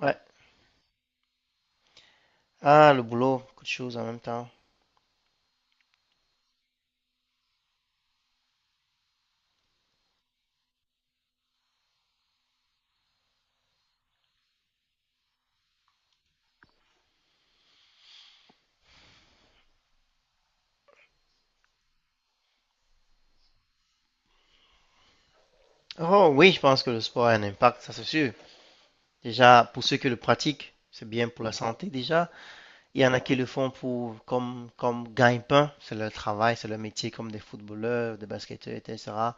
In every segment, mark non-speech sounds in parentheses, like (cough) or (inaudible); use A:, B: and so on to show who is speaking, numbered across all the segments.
A: Ouais. Ah, le boulot, beaucoup de choses en même temps. Oh oui, je pense que le sport a un impact, ça c'est sûr. Déjà, pour ceux qui le pratiquent, c'est bien pour la santé déjà. Il y en a qui le font pour comme gagne-pain, c'est leur travail, c'est leur métier, comme des footballeurs, des basketteurs, etc.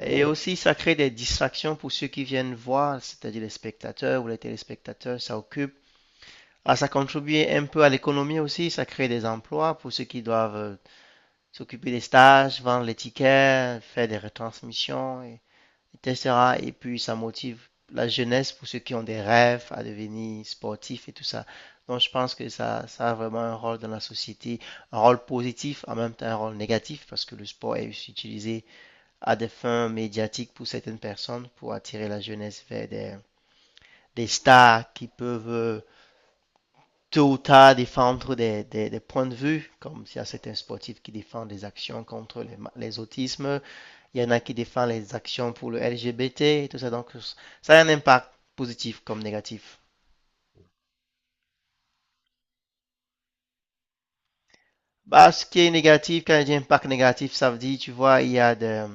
A: Et aussi, ça crée des distractions pour ceux qui viennent voir, c'est-à-dire les spectateurs ou les téléspectateurs, ça occupe. Ah, ça contribue un peu à l'économie aussi, ça crée des emplois pour ceux qui doivent s'occuper des stages, vendre les tickets, faire des retransmissions. Etc. Et puis, ça motive la jeunesse pour ceux qui ont des rêves à devenir sportifs et tout ça. Donc, je pense que ça a vraiment un rôle dans la société, un rôle positif, en même temps un rôle négatif, parce que le sport est aussi utilisé à des fins médiatiques pour certaines personnes, pour attirer la jeunesse vers des stars qui peuvent tôt ou tard défendre des points de vue, comme il y a certains sportifs qui défendent des actions contre les autismes, il y en a qui défendent les actions pour le LGBT et tout ça. Donc, ça a un impact positif comme négatif. Bah, ce qui est négatif, quand je dis impact négatif, ça veut dire, tu vois, il y a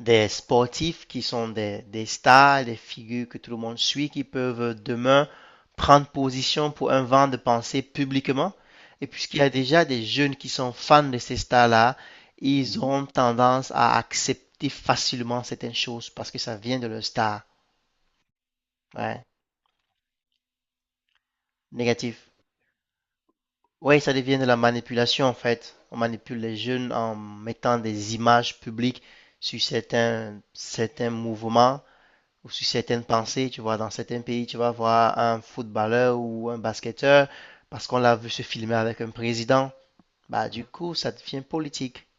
A: des sportifs qui sont des stars, des figures que tout le monde suit, qui peuvent demain prendre position pour un vent de pensée publiquement. Et puisqu'il y a déjà des jeunes qui sont fans de ces stars-là, ils ont tendance à accepter facilement certaines choses parce que ça vient de leur star. Ouais. Négatif. Oui, ça devient de la manipulation en fait. On manipule les jeunes en mettant des images publiques sur certains mouvements, ou sur certaines pensées, tu vois, dans certains pays, tu vas voir un footballeur ou un basketteur parce qu'on l'a vu se filmer avec un président. Bah, du coup, ça devient politique. (laughs)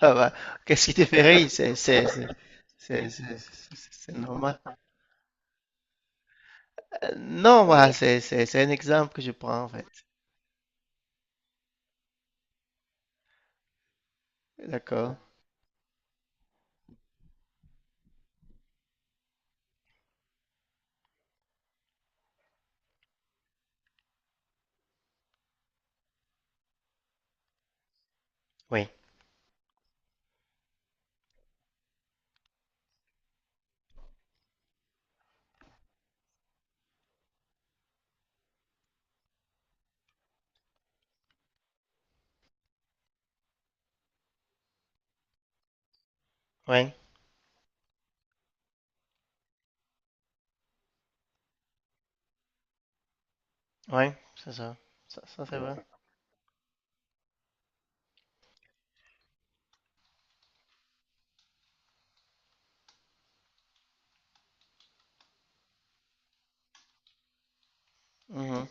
A: Ah bah, qu'est-ce qui te fait rire? C'est normal. Non, voilà, c'est un exemple que je prends, en fait. D'accord. Oui, oui, oui, c'est ça. Ça, c'est vrai. Mhm.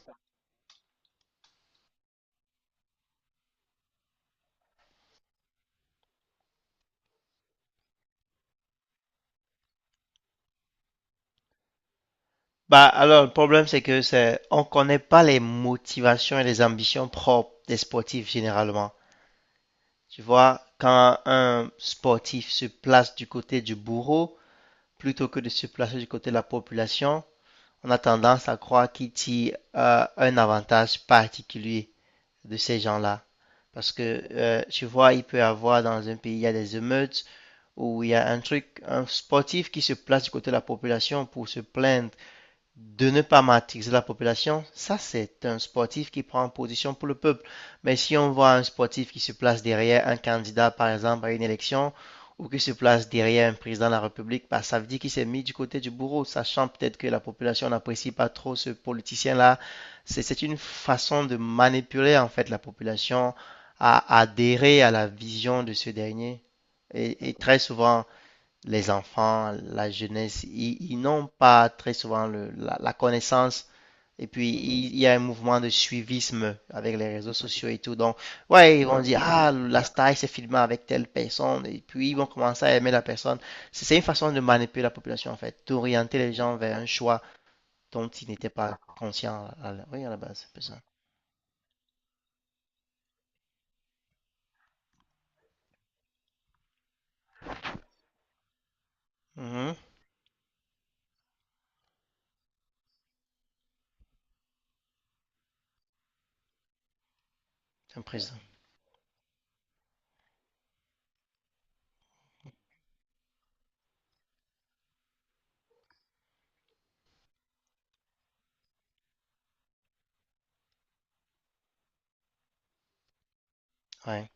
A: Bah, alors, le problème, c'est que c'est, on connaît pas les motivations et les ambitions propres des sportifs, généralement. Tu vois, quand un sportif se place du côté du bourreau, plutôt que de se placer du côté de la population, on a tendance à croire qu'il tire un avantage particulier de ces gens-là. Parce que, tu vois, il peut y avoir dans un pays, il y a des émeutes, où il y a un truc, un sportif qui se place du côté de la population pour se plaindre de ne pas matrixer la population, ça c'est un sportif qui prend position pour le peuple. Mais si on voit un sportif qui se place derrière un candidat, par exemple, à une élection, ou qui se place derrière un président de la République, bah, ça veut dire qu'il s'est mis du côté du bourreau, sachant peut-être que la population n'apprécie pas trop ce politicien-là. C'est une façon de manipuler en fait la population à adhérer à la vision de ce dernier. Et très souvent, les enfants, la jeunesse, ils n'ont pas très souvent la connaissance. Et puis, il y a un mouvement de suivisme avec les réseaux sociaux et tout. Donc, ouais, ils vont dire, ah, la star, il s'est filmé avec telle personne. Et puis, ils vont commencer à aimer la personne. C'est une façon de manipuler la population, en fait, d'orienter les gens vers un choix dont ils n'étaient pas conscients à la, oui, à la base. C'est un peu ça. Mhm. C'est un présent. Ouais,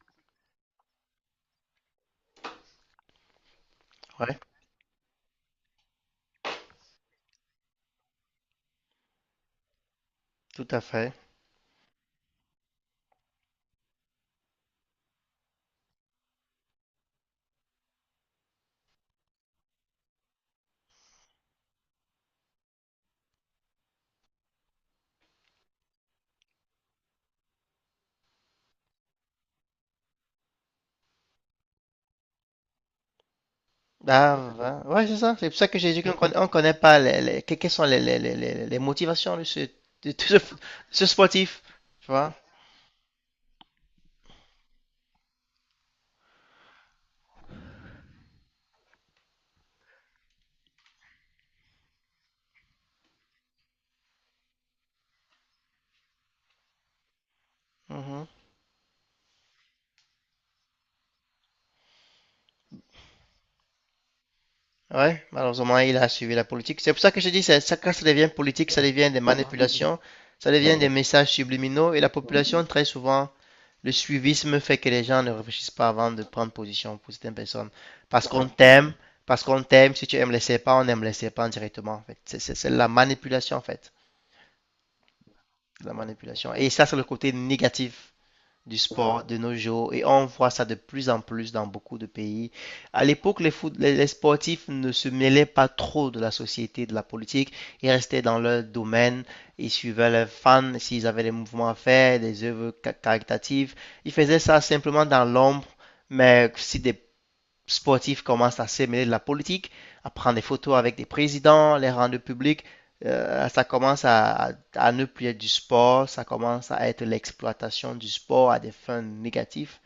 A: ouais, tout à fait. Ah, ouais, c'est ça. C'est pour ça que j'ai dit qu'on connaît pas quelles sont les motivations de ce sportif. Tu vois? Mhm. Ouais, malheureusement, il a suivi la politique. C'est pour ça que je dis, ça, quand ça devient politique, ça devient des manipulations, ça devient des messages subliminaux et la population, très souvent, le suivisme fait que les gens ne réfléchissent pas avant de prendre position pour certaines personnes. Parce qu'on t'aime, parce qu'on t'aime, si tu aimes les serpents, on aime les serpents directement, en fait. C'est la manipulation, en fait. La manipulation. Et ça, c'est le côté négatif du sport de nos jours. Et on voit ça de plus en plus dans beaucoup de pays. À l'époque, les sportifs ne se mêlaient pas trop de la société, de la politique. Ils restaient dans leur domaine. Ils suivaient leurs fans s'ils avaient des mouvements à faire, des œuvres caritatives. Ils faisaient ça simplement dans l'ombre. Mais si des sportifs commencent à se mêler de la politique, à prendre des photos avec des présidents, les rendre publics. Ça commence ne plus être du sport, ça commence à être l'exploitation du sport à des fins négatives.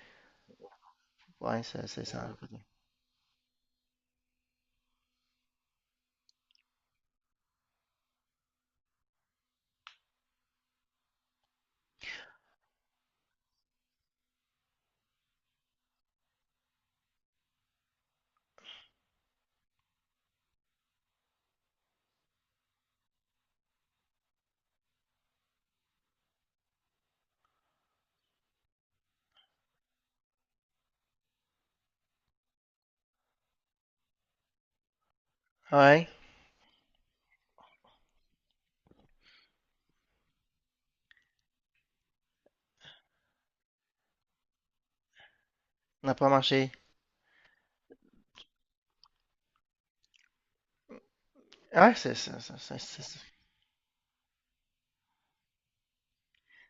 A: Ouais, c'est ça. Ouais, n'a pas marché. Ouais, c'est ça. Ça.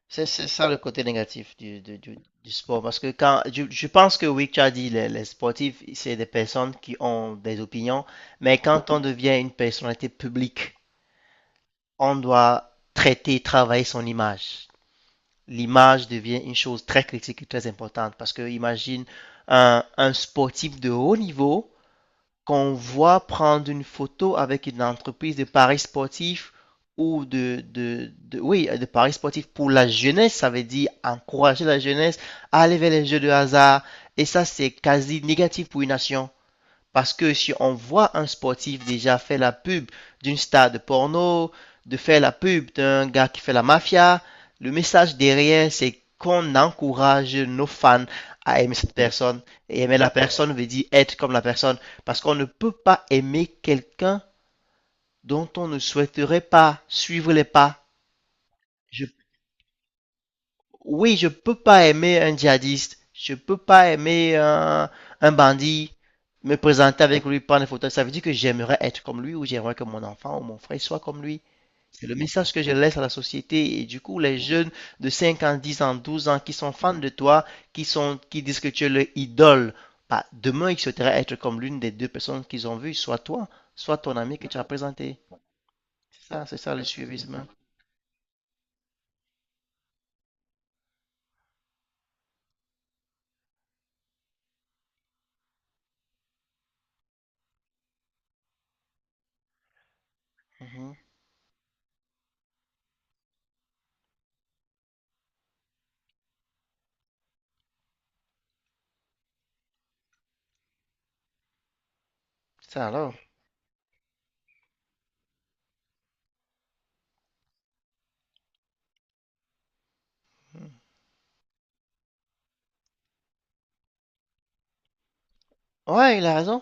A: C'est ça le côté négatif du sport. Parce que quand pense que oui, tu as dit, les sportifs, c'est des personnes qui ont des opinions. Mais quand on devient une personnalité publique, on doit traiter, travailler son image. L'image devient une chose très critique et très importante parce que imagine un sportif de haut niveau qu'on voit prendre une photo avec une entreprise de paris sportifs ou oui, de paris sportifs pour la jeunesse, ça veut dire encourager la jeunesse à aller vers les jeux de hasard. Et ça, c'est quasi négatif pour une nation. Parce que si on voit un sportif déjà faire la pub d'une star de porno, de faire la pub d'un gars qui fait la mafia, le message derrière, c'est qu'on encourage nos fans à aimer cette personne. Et aimer la personne veut dire être comme la personne. Parce qu'on ne peut pas aimer quelqu'un dont on ne souhaiterait pas suivre les pas. Je Oui, je peux pas aimer un djihadiste, je peux pas aimer un bandit, me présenter avec lui, prendre des photos. Ça veut dire que j'aimerais être comme lui ou j'aimerais que mon enfant ou mon frère soit comme lui. C'est le message que je laisse à la société. Et du coup, les jeunes de 5 ans, 10 ans, 12 ans qui sont fans de toi, qui disent que tu es leur idole, bah, demain, ils souhaiteraient être comme l'une des deux personnes qu'ils ont vues, soit toi, soit ton ami que tu as présenté. C'est ça le suivisme. Mhm. Ça alors. Ouais, il a raison.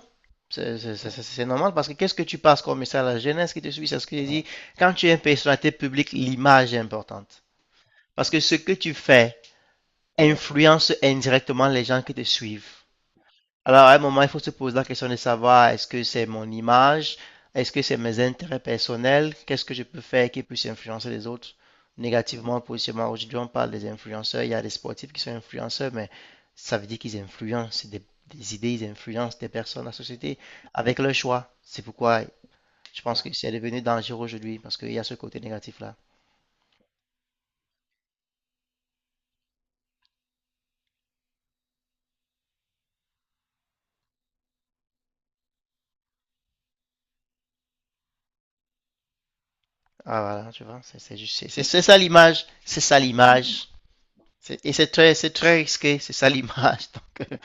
A: C'est normal parce que qu'est-ce que tu passes comme message à la jeunesse qui te suit? C'est ce que j'ai dit. Quand tu es une personnalité publique, l'image est importante. Parce que ce que tu fais influence indirectement les gens qui te suivent. Alors, à un moment, il faut se poser la question de savoir est-ce que c'est mon image, est-ce que c'est mes intérêts personnels, qu'est-ce que je peux faire qui puisse influencer les autres négativement, positivement. Aujourd'hui, on parle des influenceurs, il y a des sportifs qui sont influenceurs, mais ça veut dire qu'ils influencent des idées, ils influencent des personnes, la société, avec leur choix. C'est pourquoi je pense que c'est devenu dangereux aujourd'hui, parce qu'il y a ce côté négatif-là. Ah, voilà, tu vois, c'est juste, c'est ça l'image, c'est ça l'image. Et c'est très risqué, c'est ça l'image. (laughs) Donc, euh,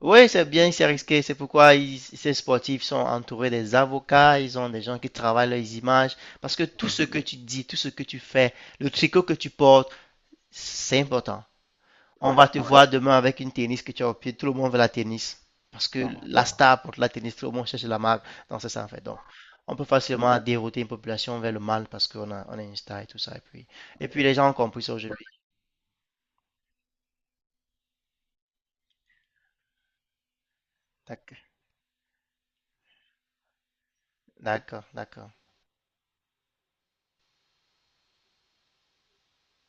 A: Oui, c'est bien, c'est risqué. C'est pourquoi ces sportifs sont entourés des avocats, ils ont des gens qui travaillent leurs images, parce que tout ce que tu dis, tout ce que tu fais, le tricot que tu portes, c'est important. On va te voir demain avec une tennis que tu as au pied, tout le monde veut la tennis, parce que la star porte la tennis, tout le monde cherche la marque, donc c'est ça en fait. Donc, on peut facilement dérouter une population vers le mal parce qu'on a une star et tout ça. Et puis les gens ont compris ça aujourd'hui. D'ac- D'accord, d'accord.